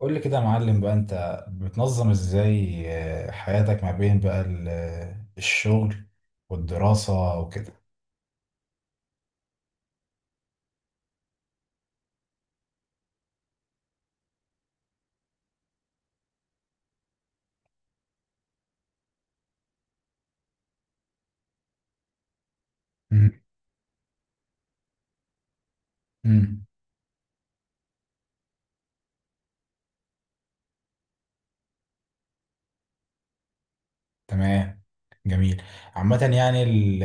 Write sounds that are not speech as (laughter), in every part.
قول لي كده يا معلم بقى، انت بتنظم ازاي حياتك ما بين بقى الشغل والدراسة وكده. مم. مم. تمام. جميل. عامة يعني،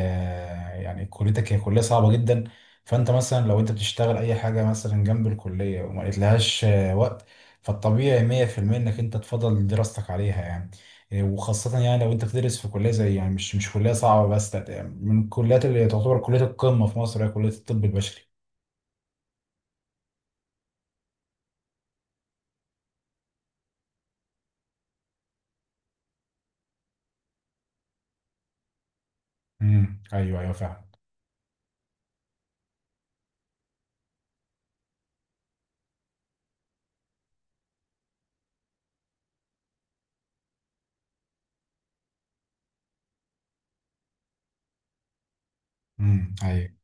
يعني كليتك هي كلية صعبة جدا. فانت مثلا لو انت بتشتغل اي حاجة مثلا جنب الكلية وما لقيتلهاش وقت، فالطبيعي 100% انك انت تفضل دراستك عليها يعني. وخاصة يعني لو انت بتدرس في كلية زي، يعني مش كلية صعبة بس، لا، من الكليات اللي تعتبر كلية القمة في مصر هي كلية الطب البشري. ايوه ايوه فعلا. ايوه.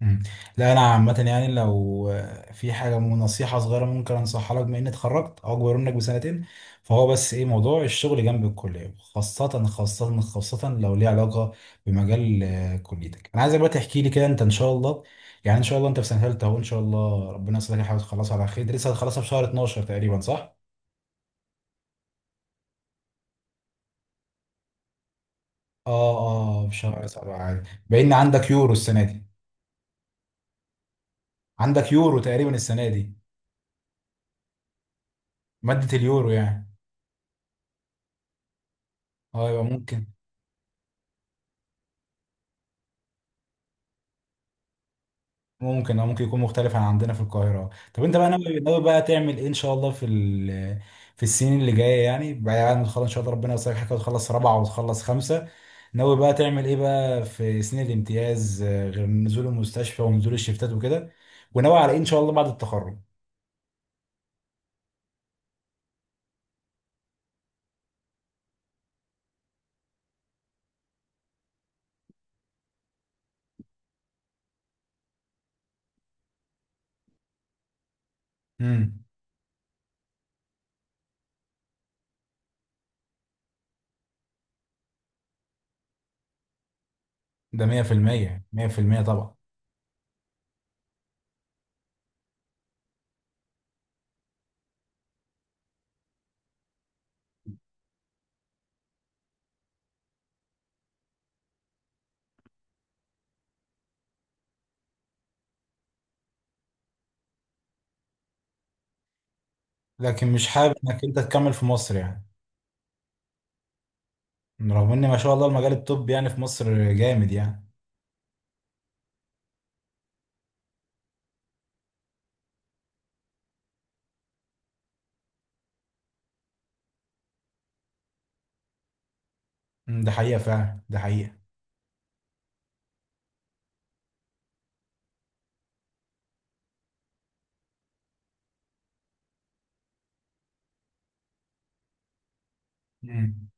مم. لا، انا عامه يعني، لو في حاجه نصيحه صغيره ممكن انصحها لك بما اني اتخرجت او اكبر منك بسنتين، فهو بس ايه موضوع الشغل جنب الكليه، خاصه خاصه خاصه لو ليه علاقه بمجال كليتك. انا عايزك بقى تحكي لي كده انت، ان شاء الله يعني ان شاء الله انت في سنه ثالثه اهو، ان شاء الله ربنا يسهلك الحاجه تخلصها على خير. أنت لسه هتخلصها في شهر 12 تقريبا صح؟ اه اه، في شهر 7 عادي. باين عندك يورو السنه دي. عندك يورو تقريبا السنه دي. ماده اليورو يعني. اه يبقى ممكن او ممكن يكون مختلف عن عندنا في القاهره. طب انت بقى ناوي بقى تعمل ايه ان شاء الله في في السنين اللي جايه، يعني بعد ما تخلص ان شاء الله ربنا يوصلك حاجه وتخلص رابعه وتخلص خمسه. ناوي بقى تعمل ايه بقى في سنين الامتياز، غير نزول المستشفى ونزول الشفتات وكده؟ وناوي على ايه ان شاء الله بعد التخرج؟ امم. ده 100% 100% طبعا. لكن مش حابب انك انت تكمل في مصر يعني؟ رغم ان ما شاء الله المجال الطبي يعني في مصر جامد يعني. مم، ده حقيقه فعلا، ده حقيقه. مم.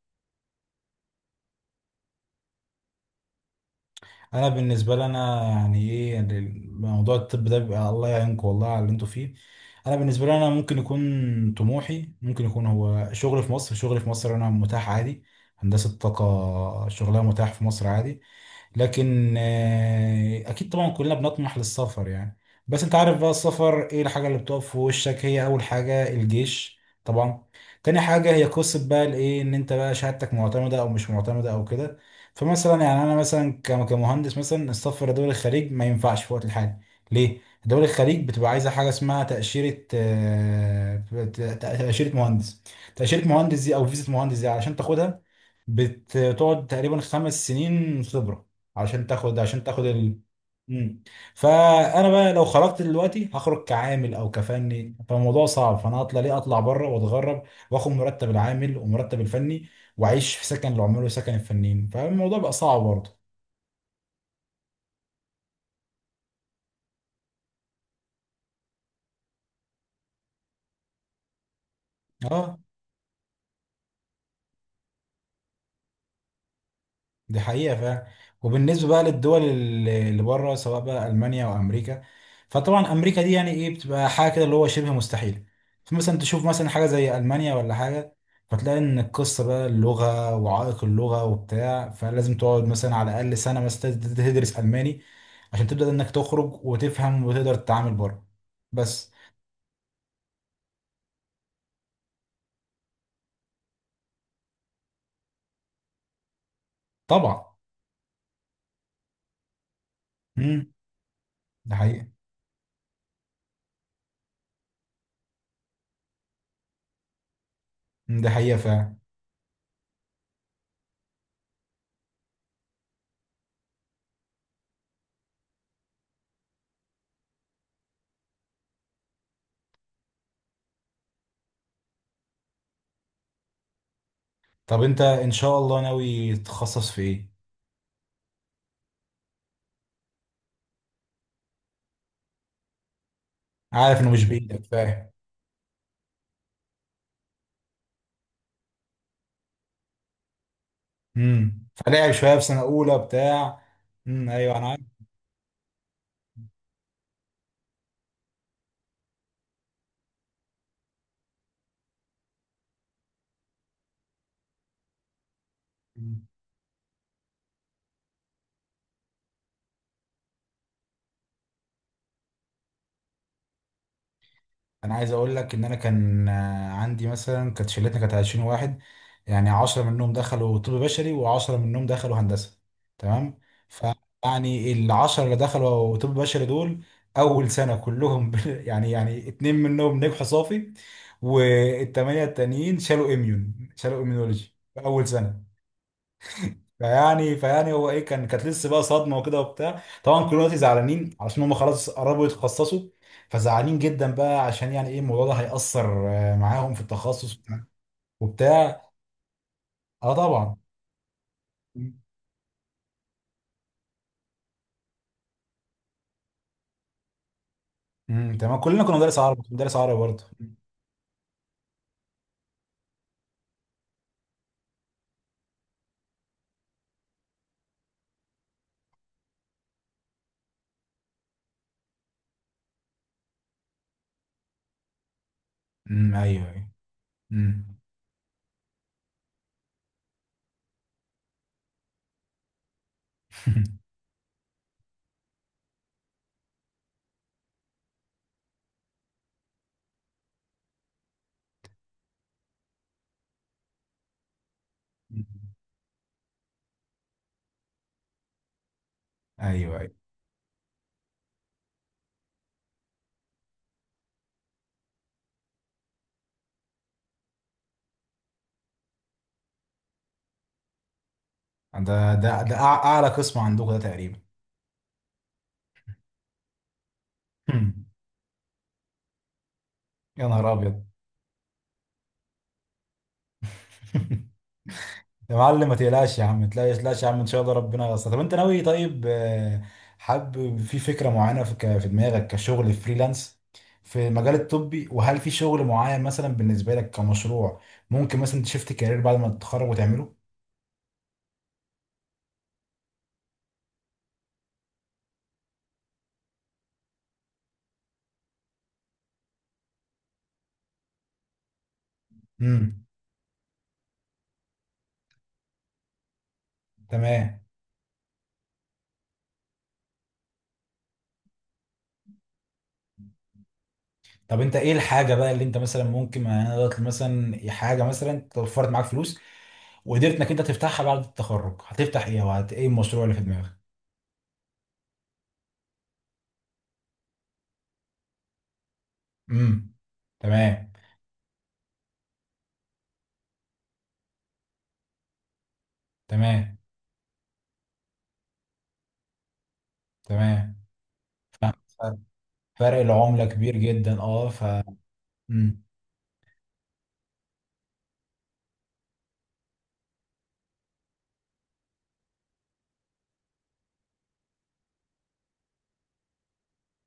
انا بالنسبه لي، انا يعني ايه يعني، موضوع الطب ده بيبقى الله يعينكم والله على اللي انتوا فيه. انا بالنسبه لي، انا ممكن يكون طموحي، ممكن يكون هو شغل في مصر. شغل في مصر انا متاح عادي. هندسه طاقه شغلها متاح في مصر عادي. لكن اكيد طبعا كلنا بنطمح للسفر يعني. بس انت عارف بقى السفر ايه الحاجه اللي بتقف في وشك؟ هي اول حاجه الجيش طبعا. تاني حاجه هي قصه بقى الايه، ان انت بقى شهادتك معتمده او مش معتمده او كده. فمثلا يعني انا مثلا كمهندس مثلا، السفر لدول الخليج ما ينفعش في وقت الحالي. ليه؟ دول الخليج بتبقى عايزه حاجه اسمها تاشيره، تاشيره مهندس. تاشيره مهندس دي او فيزا مهندس دي علشان تاخدها، بتقعد تقريبا 5 سنين خبرة عشان تاخد، مم. فانا بقى لو خرجت دلوقتي هخرج كعامل او كفني، فالموضوع صعب. فانا اطلع ليه اطلع بره واتغرب، واخد مرتب العامل ومرتب الفني، واعيش في سكن العمال وسكن الفنيين؟ فالموضوع بقى صعب برضه. اه، دي حقيقة فعلا. وبالنسبة بقى للدول اللي بره، سواء بقى ألمانيا أو أمريكا، فطبعا أمريكا دي يعني إيه، بتبقى حاجة كده اللي هو شبه مستحيل. فمثلا تشوف مثلا حاجة زي ألمانيا ولا حاجة، فتلاقي إن القصة بقى اللغة وعائق اللغة وبتاع، فلازم تقعد مثلا على الأقل سنة مثلا تدرس ألماني عشان تبدأ إنك تخرج وتفهم وتقدر تتعامل بره بس. طبعا. امم ده حقيقة. مم، ده حقيقة فعلا. طب أنت إن شاء الله ناوي تتخصص في إيه؟ عارف إنه مش بإيدك، فاهم. فلعب شويه في سنه اولى بتاع. ايوه انا عارف. مم. انا عايز اقول لك ان انا كان عندي مثلا، كانت شلتنا كانت 20 واحد، يعني 10 منهم دخلوا طب بشري و10 منهم دخلوا هندسه تمام. فيعني ال 10 اللي دخلوا طب بشري دول اول سنه كلهم (laughs) يعني اتنين منهم نجحوا صافي، والثمانيه التانيين شالوا اميون، شالوا اميونولوجي في اول سنه. فيعني هو ايه كان، كانت لسه بقى صدمه وكده وبتاع. طبعا كلنا دلوقتي زعلانين علشان هم خلاص قربوا يتخصصوا، فزعلانين جدا بقى عشان يعني ايه الموضوع ده هيأثر معاهم في التخصص وبتاع. اه طبعا. تمام. كلنا كنا مدرس عربي، كنت مدرس عربي برضه. ايوه ايوه. امم (laughs) ايوه ايوه. اعلى قسم عندكم ده تقريبا. (laughs) يا نهار ابيض. (laughs) يا معلم ما تقلقش يا عم، ما تقلقش يا عم، ان شاء الله ربنا ييسر. طب انت ناوي، طيب حابب في فكره معينه في في دماغك كشغل فريلانس في المجال الطبي؟ وهل في شغل معين مثلا بالنسبه لك كمشروع ممكن مثلا تشفت كارير بعد ما تتخرج وتعمله؟ امم تمام. طب انت ايه الحاجه بقى اللي انت مثلا ممكن، يعني انا دلوقتي مثلا حاجه مثلا توفرت معاك فلوس وقدرت انك انت تفتحها بعد التخرج، هتفتح ايه وهت ايه المشروع اللي في دماغك؟ امم تمام. تمام تمام. فرق العملة كبير جدا، اه مم.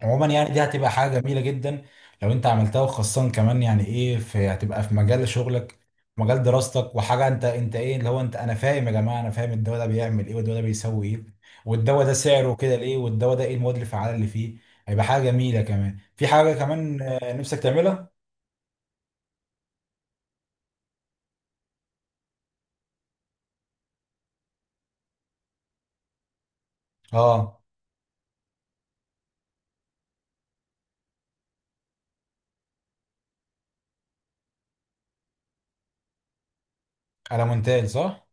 عموما يعني دي هتبقى حاجة جميلة جدا لو انت عملتها، وخاصة كمان يعني ايه في هتبقى في مجال شغلك، مجال دراستك، وحاجة انت ايه اللي هو، انت انا فاهم يا جماعة، انا فاهم الدواء ده بيعمل ايه والدواء ده بيسوي ايه والدواء ده سعره كده ليه والدواء ده ايه المواد الفعالة اللي فيه. هيبقى حاجة جميلة. كمان في حاجة كمان نفسك تعملها. اه، على مونتاج صح.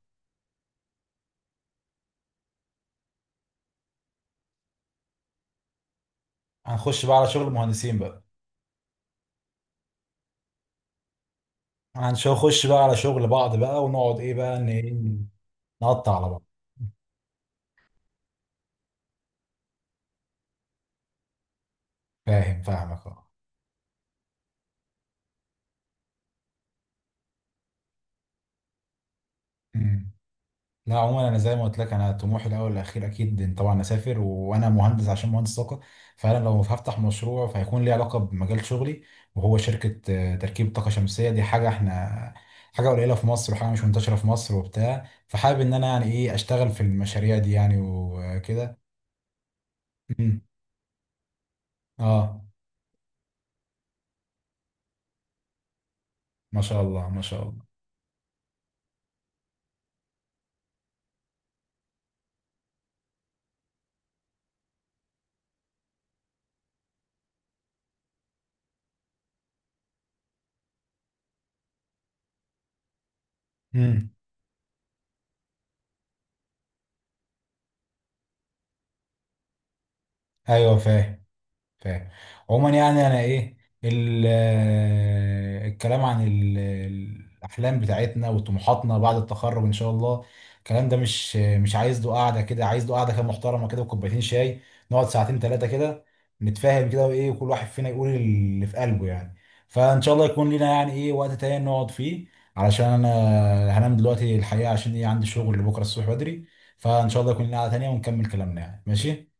هنخش بقى على شغل المهندسين بقى، هنخش بقى على شغل بعض بقى، ونقعد ايه بقى نقطع على بعض. فاهم، فاهمك اه. أمم. لا، عموما انا زي ما قلت لك، انا طموحي الاول والاخير اكيد إن طبعا اسافر وانا مهندس، عشان مهندس طاقه، فانا لو هفتح مشروع فهيكون ليه علاقه بمجال شغلي. وهو شركه تركيب طاقه شمسيه. دي حاجه احنا، حاجه قليله في مصر وحاجه مش منتشره في مصر وبتاع، فحابب ان انا يعني ايه اشتغل في المشاريع دي يعني وكده. أمم. اه، ما شاء الله ما شاء الله. امم ايوه، فاهم فاهم. عموما يعني انا ايه الكلام عن الاحلام بتاعتنا وطموحاتنا بعد التخرج ان شاء الله. الكلام ده مش عايز له قعده كده، عايز له قعده كده محترمه كده وكوبايتين شاي، نقعد ساعتين ثلاثه كده نتفاهم كده وايه، وكل واحد فينا يقول اللي في قلبه يعني. فان شاء الله يكون لنا يعني ايه وقت تاني نقعد فيه، علشان انا هنام دلوقتي الحقيقه، عشان ايه عندي شغل بكره الصبح بدري. فان شاء الله يكون لنا قعده تانيه ونكمل كلامنا يعني. ماشي.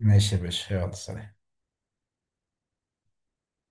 ماشي يا باشا، يلا سلام.